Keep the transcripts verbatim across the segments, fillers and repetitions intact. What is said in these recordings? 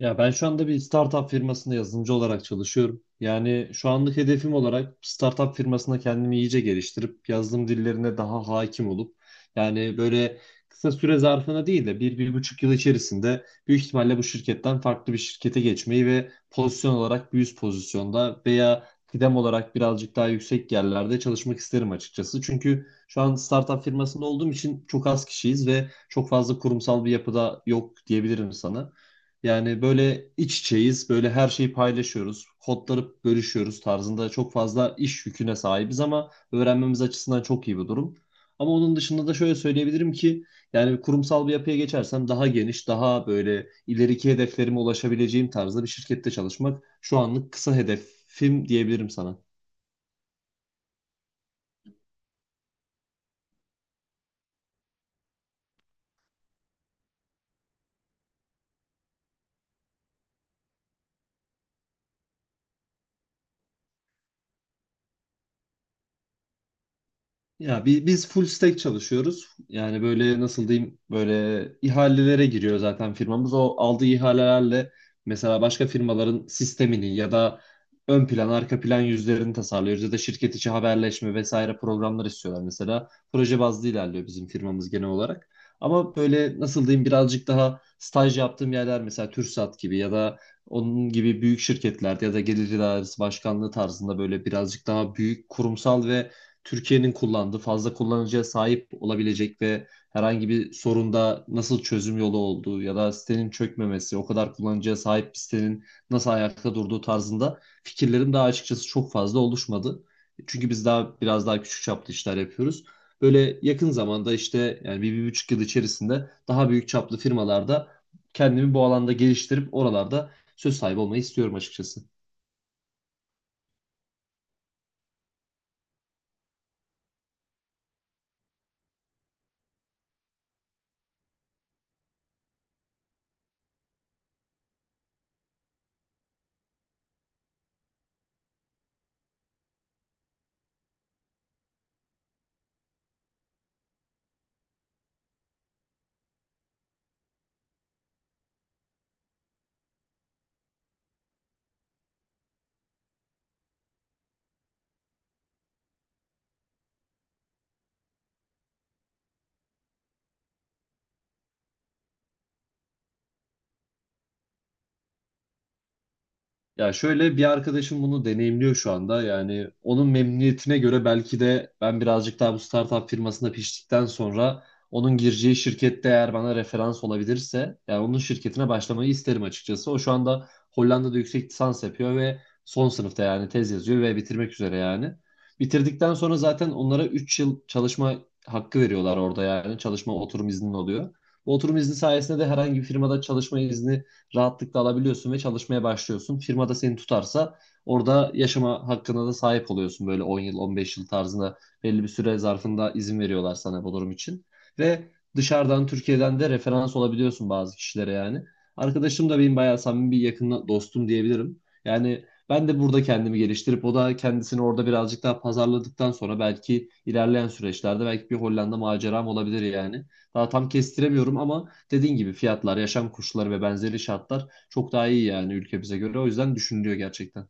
Ya ben şu anda bir startup firmasında yazılımcı olarak çalışıyorum. Yani şu anlık hedefim olarak startup firmasında kendimi iyice geliştirip yazılım dillerine daha hakim olup yani böyle kısa süre zarfına değil de bir, bir buçuk yıl içerisinde büyük ihtimalle bu şirketten farklı bir şirkete geçmeyi ve pozisyon olarak bir üst pozisyonda veya kıdem olarak birazcık daha yüksek yerlerde çalışmak isterim açıkçası. Çünkü şu an startup firmasında olduğum için çok az kişiyiz ve çok fazla kurumsal bir yapıda yok diyebilirim sana. Yani böyle iç içeyiz, böyle her şeyi paylaşıyoruz, kodları bölüşüyoruz tarzında çok fazla iş yüküne sahibiz ama öğrenmemiz açısından çok iyi bir durum. Ama onun dışında da şöyle söyleyebilirim ki yani kurumsal bir yapıya geçersem daha geniş, daha böyle ileriki hedeflerime ulaşabileceğim tarzda bir şirkette çalışmak şu anlık kısa hedefim diyebilirim sana. Ya bi- biz full stack çalışıyoruz. Yani böyle nasıl diyeyim, böyle ihalelere giriyor zaten firmamız. O aldığı ihalelerle mesela başka firmaların sistemini ya da ön plan arka plan yüzlerini tasarlıyoruz ya da şirket içi haberleşme vesaire programlar istiyorlar mesela. Proje bazlı ilerliyor bizim firmamız genel olarak. Ama böyle nasıl diyeyim, birazcık daha staj yaptığım yerler mesela TürkSat gibi ya da onun gibi büyük şirketlerde ya da gelir idaresi başkanlığı tarzında böyle birazcık daha büyük kurumsal ve Türkiye'nin kullandığı, fazla kullanıcıya sahip olabilecek ve herhangi bir sorunda nasıl çözüm yolu olduğu ya da sitenin çökmemesi, o kadar kullanıcıya sahip bir sitenin nasıl ayakta durduğu tarzında fikirlerim daha açıkçası çok fazla oluşmadı. Çünkü biz daha biraz daha küçük çaplı işler yapıyoruz. Böyle yakın zamanda işte yani bir, bir buçuk yıl içerisinde daha büyük çaplı firmalarda kendimi bu alanda geliştirip oralarda söz sahibi olmayı istiyorum açıkçası. Ya şöyle, bir arkadaşım bunu deneyimliyor şu anda. Yani onun memnuniyetine göre belki de ben birazcık daha bu startup firmasında piştikten sonra onun gireceği şirkette eğer bana referans olabilirse yani onun şirketine başlamayı isterim açıkçası. O şu anda Hollanda'da yüksek lisans yapıyor ve son sınıfta, yani tez yazıyor ve bitirmek üzere yani. Bitirdikten sonra zaten onlara üç yıl çalışma hakkı veriyorlar orada yani. Çalışma oturum izni oluyor. Bu oturum izni sayesinde de herhangi bir firmada çalışma izni rahatlıkla alabiliyorsun ve çalışmaya başlıyorsun. Firma da seni tutarsa orada yaşama hakkına da sahip oluyorsun, böyle on yıl, on beş yıl tarzında belli bir süre zarfında izin veriyorlar sana bu durum için. Ve dışarıdan Türkiye'den de referans olabiliyorsun bazı kişilere yani. Arkadaşım da benim bayağı samimi bir yakın dostum diyebilirim. Yani ben de burada kendimi geliştirip o da kendisini orada birazcık daha pazarladıktan sonra belki ilerleyen süreçlerde belki bir Hollanda maceram olabilir yani. Daha tam kestiremiyorum ama dediğin gibi fiyatlar, yaşam koşulları ve benzeri şartlar çok daha iyi yani ülkemize göre. O yüzden düşünülüyor gerçekten.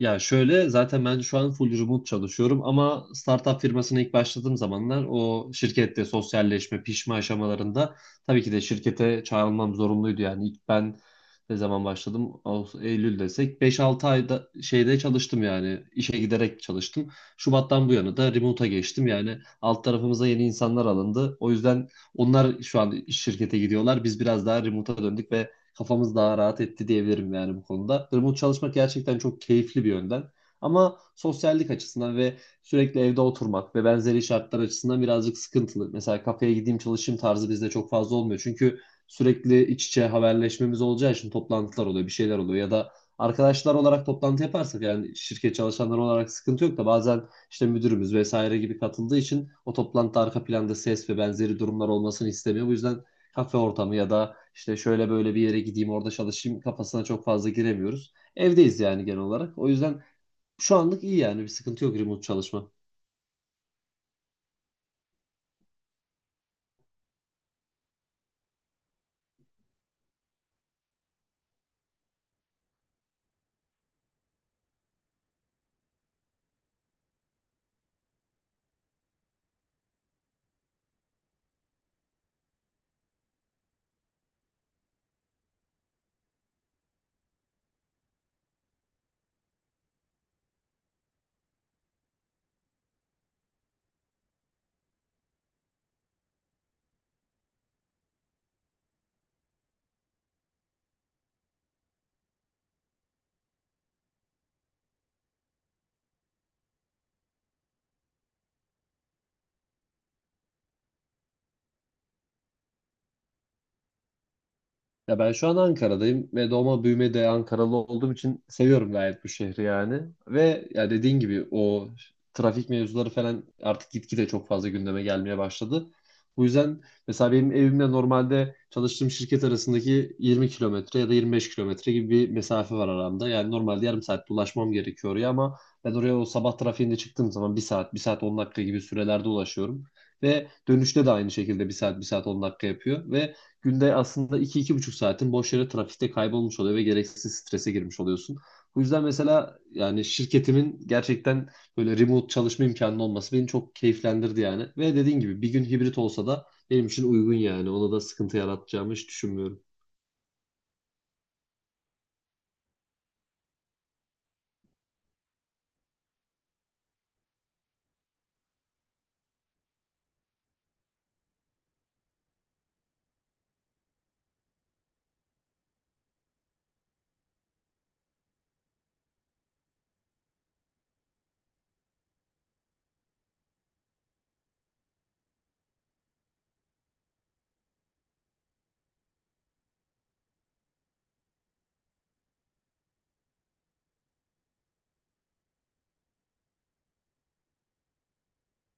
Ya şöyle, zaten ben şu an full remote çalışıyorum ama startup firmasına ilk başladığım zamanlar o şirkette sosyalleşme, pişme aşamalarında tabii ki de şirkete çağrılmam zorunluydu. Yani ilk ben ne zaman başladım? Ağustos, Eylül desek beş altı ayda şeyde çalıştım, yani işe giderek çalıştım. Şubat'tan bu yana da remote'a geçtim. Yani alt tarafımıza yeni insanlar alındı. O yüzden onlar şu an iş şirkete gidiyorlar. Biz biraz daha remote'a döndük ve kafamız daha rahat etti diyebilirim yani bu konuda. Remote çalışmak gerçekten çok keyifli bir yönden. Ama sosyallik açısından ve sürekli evde oturmak ve benzeri şartlar açısından birazcık sıkıntılı. Mesela kafeye gideyim çalışayım tarzı bizde çok fazla olmuyor. Çünkü sürekli iç içe haberleşmemiz olacağı için toplantılar oluyor, bir şeyler oluyor ya da arkadaşlar olarak toplantı yaparsak yani şirket çalışanları olarak sıkıntı yok da bazen işte müdürümüz vesaire gibi katıldığı için o toplantıda arka planda ses ve benzeri durumlar olmasını istemiyor. Bu yüzden kafe ortamı ya da işte şöyle böyle bir yere gideyim orada çalışayım kafasına çok fazla giremiyoruz. Evdeyiz yani genel olarak. O yüzden şu anlık iyi yani, bir sıkıntı yok remote çalışma. Ya ben şu an Ankara'dayım ve doğma büyüme de Ankaralı olduğum için seviyorum gayet bu şehri yani. Ve ya dediğin gibi o trafik mevzuları falan artık gitgide çok fazla gündeme gelmeye başladı. Bu yüzden mesela benim evimle normalde çalıştığım şirket arasındaki yirmi kilometre ya da yirmi beş kilometre gibi bir mesafe var aramda. Yani normalde yarım saat ulaşmam gerekiyor oraya ama ben oraya o sabah trafiğinde çıktığım zaman bir saat, bir saat on dakika gibi sürelerde ulaşıyorum. Ve dönüşte de aynı şekilde bir saat, bir saat on dakika yapıyor. Ve günde aslında iki, iki buçuk saatin boş yere trafikte kaybolmuş oluyor ve gereksiz strese girmiş oluyorsun. Bu yüzden mesela yani şirketimin gerçekten böyle remote çalışma imkanı olması beni çok keyiflendirdi yani. Ve dediğin gibi bir gün hibrit olsa da benim için uygun yani. Ona da sıkıntı yaratacağımı hiç düşünmüyorum.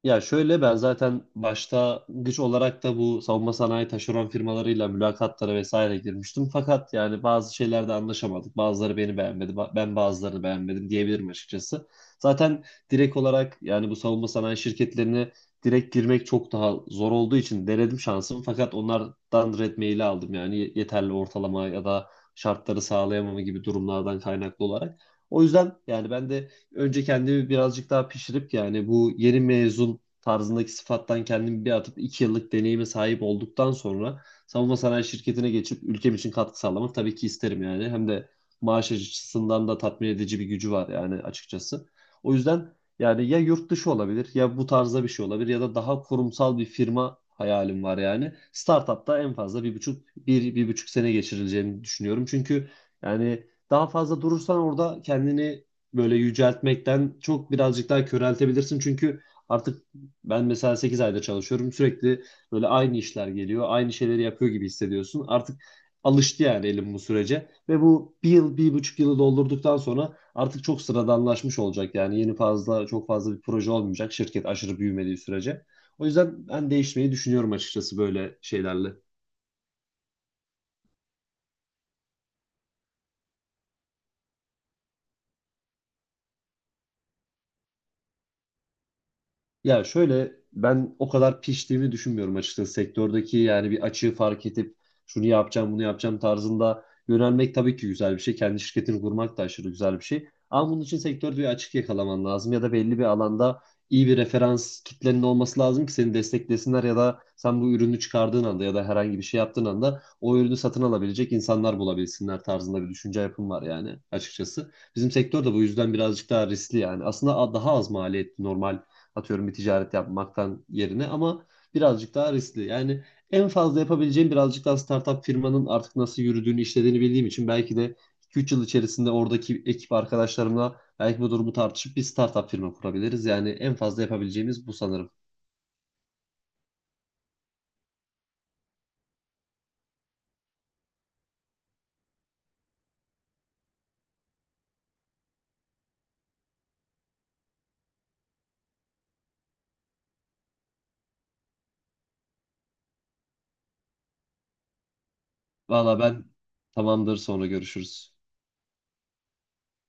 Ya şöyle, ben zaten başta güç olarak da bu savunma sanayi taşeron firmalarıyla mülakatlara vesaire girmiştim. Fakat yani bazı şeylerde anlaşamadık. Bazıları beni beğenmedi, ba- ben bazılarını beğenmedim diyebilirim açıkçası. Zaten direkt olarak yani bu savunma sanayi şirketlerine direkt girmek çok daha zor olduğu için denedim şansımı. Fakat onlardan red maili aldım, yani yeterli ortalama ya da şartları sağlayamama gibi durumlardan kaynaklı olarak. O yüzden yani ben de önce kendimi birazcık daha pişirip yani bu yeni mezun tarzındaki sıfattan kendimi bir atıp iki yıllık deneyime sahip olduktan sonra savunma sanayi şirketine geçip ülkem için katkı sağlamak tabii ki isterim yani. Hem de maaş açısından da tatmin edici bir gücü var yani açıkçası. O yüzden yani ya yurt dışı olabilir, ya bu tarzda bir şey olabilir ya da daha kurumsal bir firma hayalim var yani. Startup'ta en fazla bir buçuk, bir, bir buçuk sene geçirileceğini düşünüyorum. Çünkü yani daha fazla durursan orada kendini böyle yüceltmekten çok birazcık daha köreltebilirsin. Çünkü artık ben mesela sekiz ayda çalışıyorum. Sürekli böyle aynı işler geliyor. Aynı şeyleri yapıyor gibi hissediyorsun. Artık alıştı yani elim bu sürece. Ve bu bir yıl, bir buçuk yılı doldurduktan sonra artık çok sıradanlaşmış olacak. Yani yeni fazla, çok fazla bir proje olmayacak. Şirket aşırı büyümediği sürece. O yüzden ben değişmeyi düşünüyorum açıkçası böyle şeylerle. Ya şöyle, ben o kadar piştiğimi düşünmüyorum açıkçası sektördeki yani, bir açığı fark edip şunu yapacağım bunu yapacağım tarzında yönelmek tabii ki güzel bir şey. Kendi şirketini kurmak da aşırı güzel bir şey. Ama bunun için sektörde bir açık yakalaman lazım ya da belli bir alanda iyi bir referans kitlenin olması lazım ki seni desteklesinler ya da sen bu ürünü çıkardığın anda ya da herhangi bir şey yaptığın anda o ürünü satın alabilecek insanlar bulabilsinler tarzında bir düşünce yapım var yani açıkçası. Bizim sektör de bu yüzden birazcık daha riskli yani. Aslında daha az maliyetli normal, atıyorum, bir ticaret yapmaktan yerine, ama birazcık daha riskli. Yani en fazla yapabileceğim, birazcık daha startup firmanın artık nasıl yürüdüğünü, işlediğini bildiğim için belki de iki üç yıl içerisinde oradaki ekip arkadaşlarımla belki bu durumu tartışıp bir startup firma kurabiliriz. Yani en fazla yapabileceğimiz bu sanırım. Valla ben, tamamdır, sonra görüşürüz.